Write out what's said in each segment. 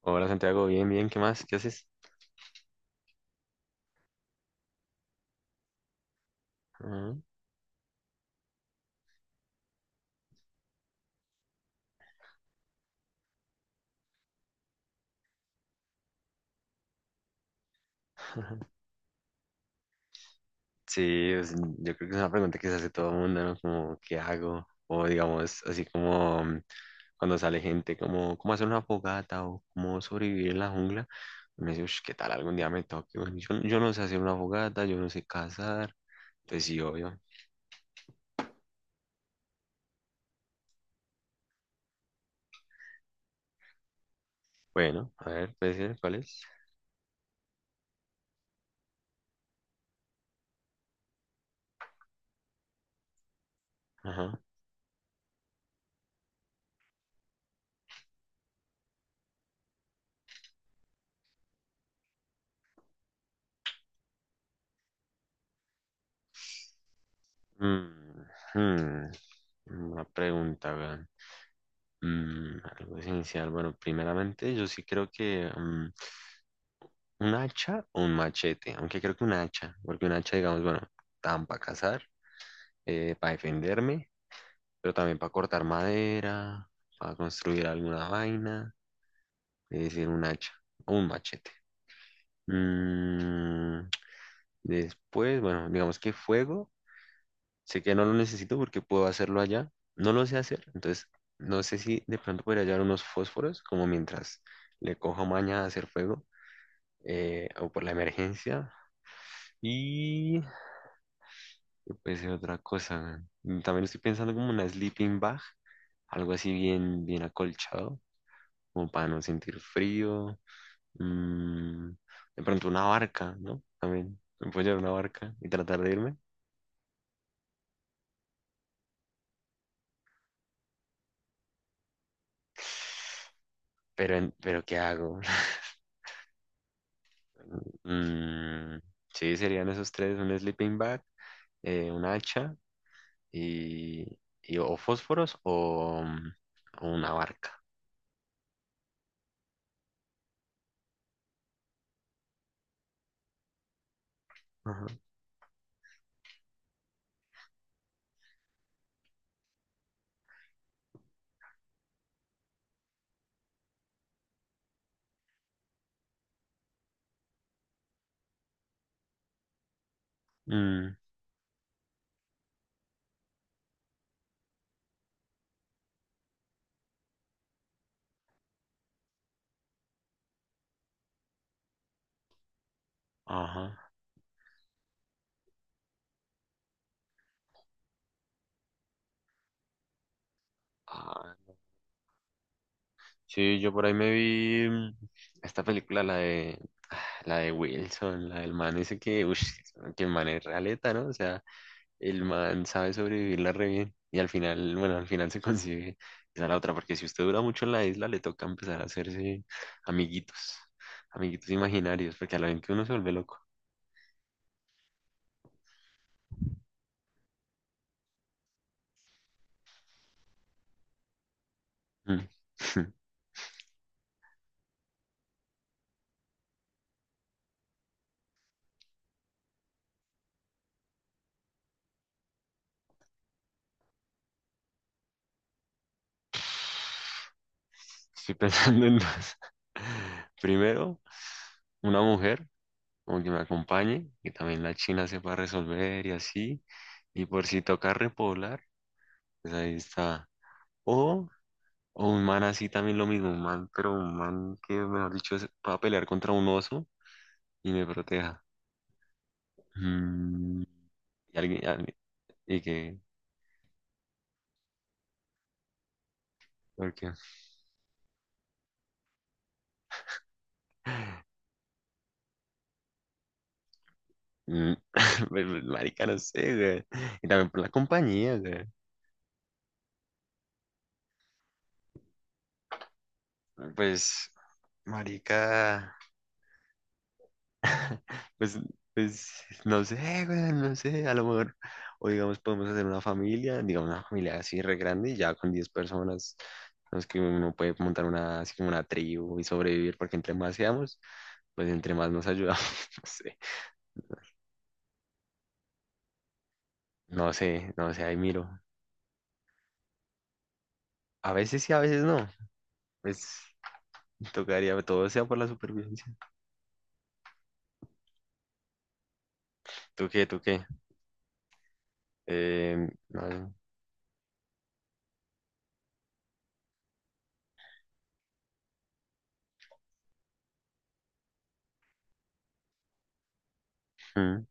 Hola Santiago, bien, bien, ¿qué más? ¿Qué haces? Ah, Sí, yo creo que es una pregunta que se hace todo el mundo, ¿no? Como, ¿qué hago? O digamos, así como cuando sale gente, como, ¿cómo hacer una fogata? O ¿cómo sobrevivir en la jungla? Me dice, "Ush, ¿qué tal algún día me toque? Bueno, yo no sé hacer una fogata, yo no sé cazar. Pues sí, obvio. Bueno, a ver, puede ser, ¿cuál es? Ajá. Mm, hmm, una pregunta, weón. Mm, algo esencial. Bueno, primeramente, yo sí creo que, ¿un hacha o un machete? Aunque creo que un hacha, porque un hacha, digamos, bueno, tan para cazar, para defenderme, pero también para cortar madera, para construir alguna vaina, es decir, un hacha o un machete. Mm, Después, bueno, digamos que fuego, sé que no lo necesito porque puedo hacerlo allá, no lo sé hacer, entonces no sé si de pronto podría hallar unos fósforos, como mientras le cojo maña a hacer fuego, o por la emergencia. Y Puede ser otra cosa. También estoy pensando como una sleeping bag, algo así bien, bien acolchado, como para no sentir frío. Mm, de pronto una barca, ¿no? También me puedo llevar una barca y tratar de irme. Pero, pero ¿qué hago? Mm, sí, serían esos tres: un sleeping bag, un hacha y, o fósforos o, o una barca. Ajá. Mm, ajá. Ah, sí, yo por ahí me vi esta película, ah, la de Wilson, la del man ese que, uff, que el man es realeta, ¿no? O sea, el man sabe sobrevivirla re bien y al final, bueno, al final se consigue esa la otra, porque si usted dura mucho en la isla, le toca empezar a hacerse amiguitos, amiguitos imaginarios, porque a la vez que uno se vuelve loco. Mm. Estoy pensando en dos. Primero, una mujer como que me acompañe, que también la China sepa resolver y así, y por si toca repoblar, pues ahí está. O, o un man así también lo mismo, un man, pero un man que, mejor dicho, va a pelear contra un oso y me proteja. Mm, y alguien, alguien- y que, porque, mm, pues, marica, no sé, güey. Y también por la compañía, güey. Pues, marica. Pues, pues no sé, güey, no sé, a lo mejor, o digamos, podemos hacer una familia, digamos, una familia así re grande, y ya con 10 personas, no es que uno puede montar una, así como una tribu y sobrevivir, porque entre más seamos, pues entre más nos ayudamos. No sé, no sé, no sé, ahí miro. A veces sí, a veces no, pues tocaría, todo sea por la supervivencia. ¿Tú qué, tú qué? No, mm,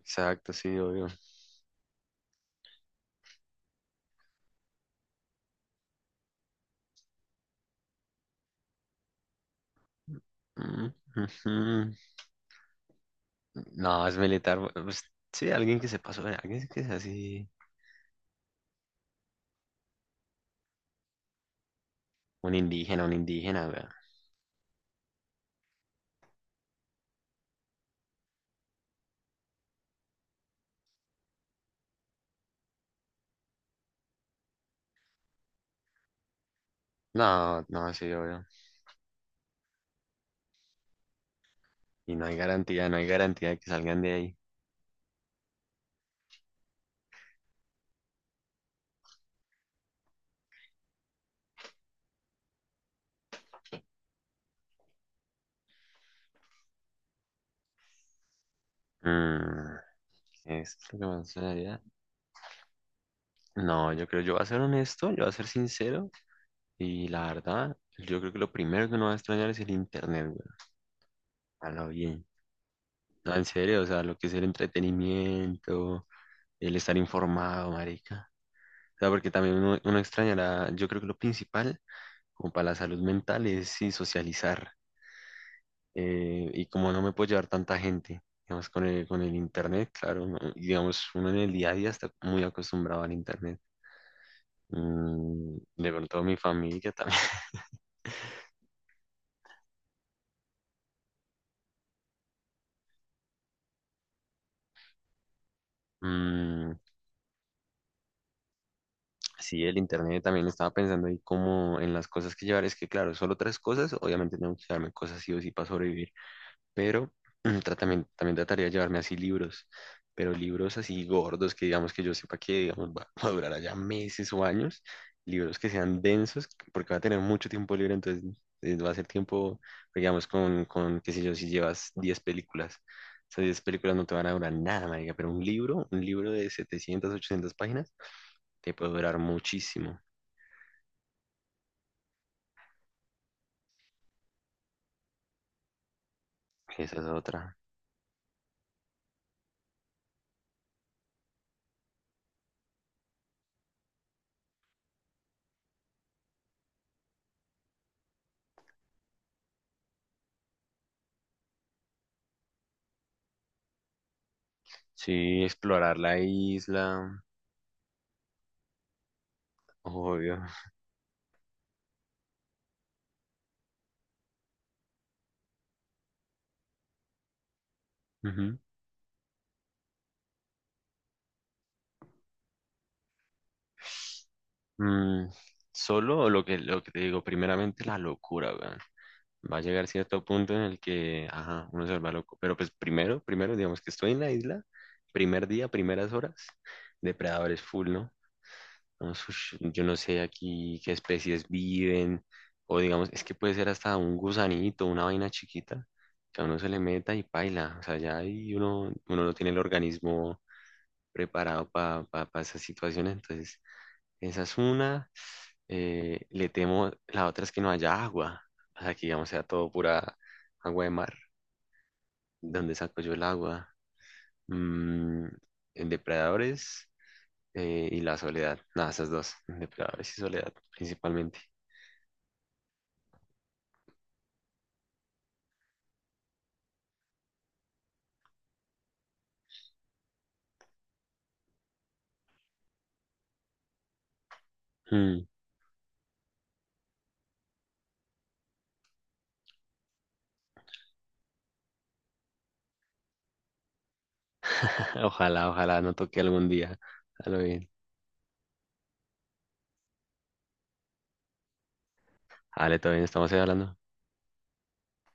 exacto, sí, obvio. Mm, ujú. No, es militar. Pues, sí, alguien que se pasó, alguien que es así. Un indígena, weón. No, no, sí, obvio. Y no hay garantía, no hay garantía de que salgan de ahí. Mm, ¿Es lo que más sonaría? No, yo creo, yo voy a ser honesto, yo voy a ser sincero. Y la verdad, yo creo que lo primero que uno va a extrañar es el internet, weón. A lo bien. No, en serio, o sea, lo que es el entretenimiento, el estar informado, marica. O sea, porque también uno extrañará, yo creo que lo principal, como para la salud mental, es y socializar. Eh, y como no me puedo llevar tanta gente, digamos, con el internet, claro, no, y digamos, uno en el día a día está muy acostumbrado al internet. De pronto mi familia también. Mm, sí, el internet también estaba pensando ahí como en las cosas que llevar. Es que, claro, solo tres cosas, obviamente tengo que llevarme cosas sí o sí para sobrevivir. Pero también, también trataría de llevarme así libros, pero libros así gordos que digamos que yo sepa que digamos va, va a durar allá meses o años, libros que sean densos, porque va a tener mucho tiempo libre, entonces va a ser tiempo, digamos, con, qué sé yo, si llevas 10 películas. Esas 10 películas no te van a durar nada, marica, pero un libro de 700, 800 páginas, te puede durar muchísimo. Esa es otra. Sí, explorar la isla, obvio. Mm, Solo lo que, te digo, primeramente la locura, weón. Va a llegar cierto punto en el que, ajá, uno se vuelve loco. Pero pues primero, primero, digamos que estoy en la isla, primer día, primeras horas, depredadores full, ¿no? Vamos, ush, yo no sé aquí qué especies viven, o digamos, es que puede ser hasta un gusanito, una vaina chiquita, que a uno se le meta y paila. O sea, ya ahí uno no tiene el organismo preparado para esas situaciones, entonces esa es una. Le temo, la otra es que no haya agua. O sea, que digamos sea todo pura agua de mar. ¿Dónde saco yo el agua? Mm, en depredadores, y la soledad. Nada, esas dos. Depredadores y soledad, principalmente. Mm. Ojalá, ojalá no toque algún día. A lo bien. Vale, todo bien, estamos ahí hablando.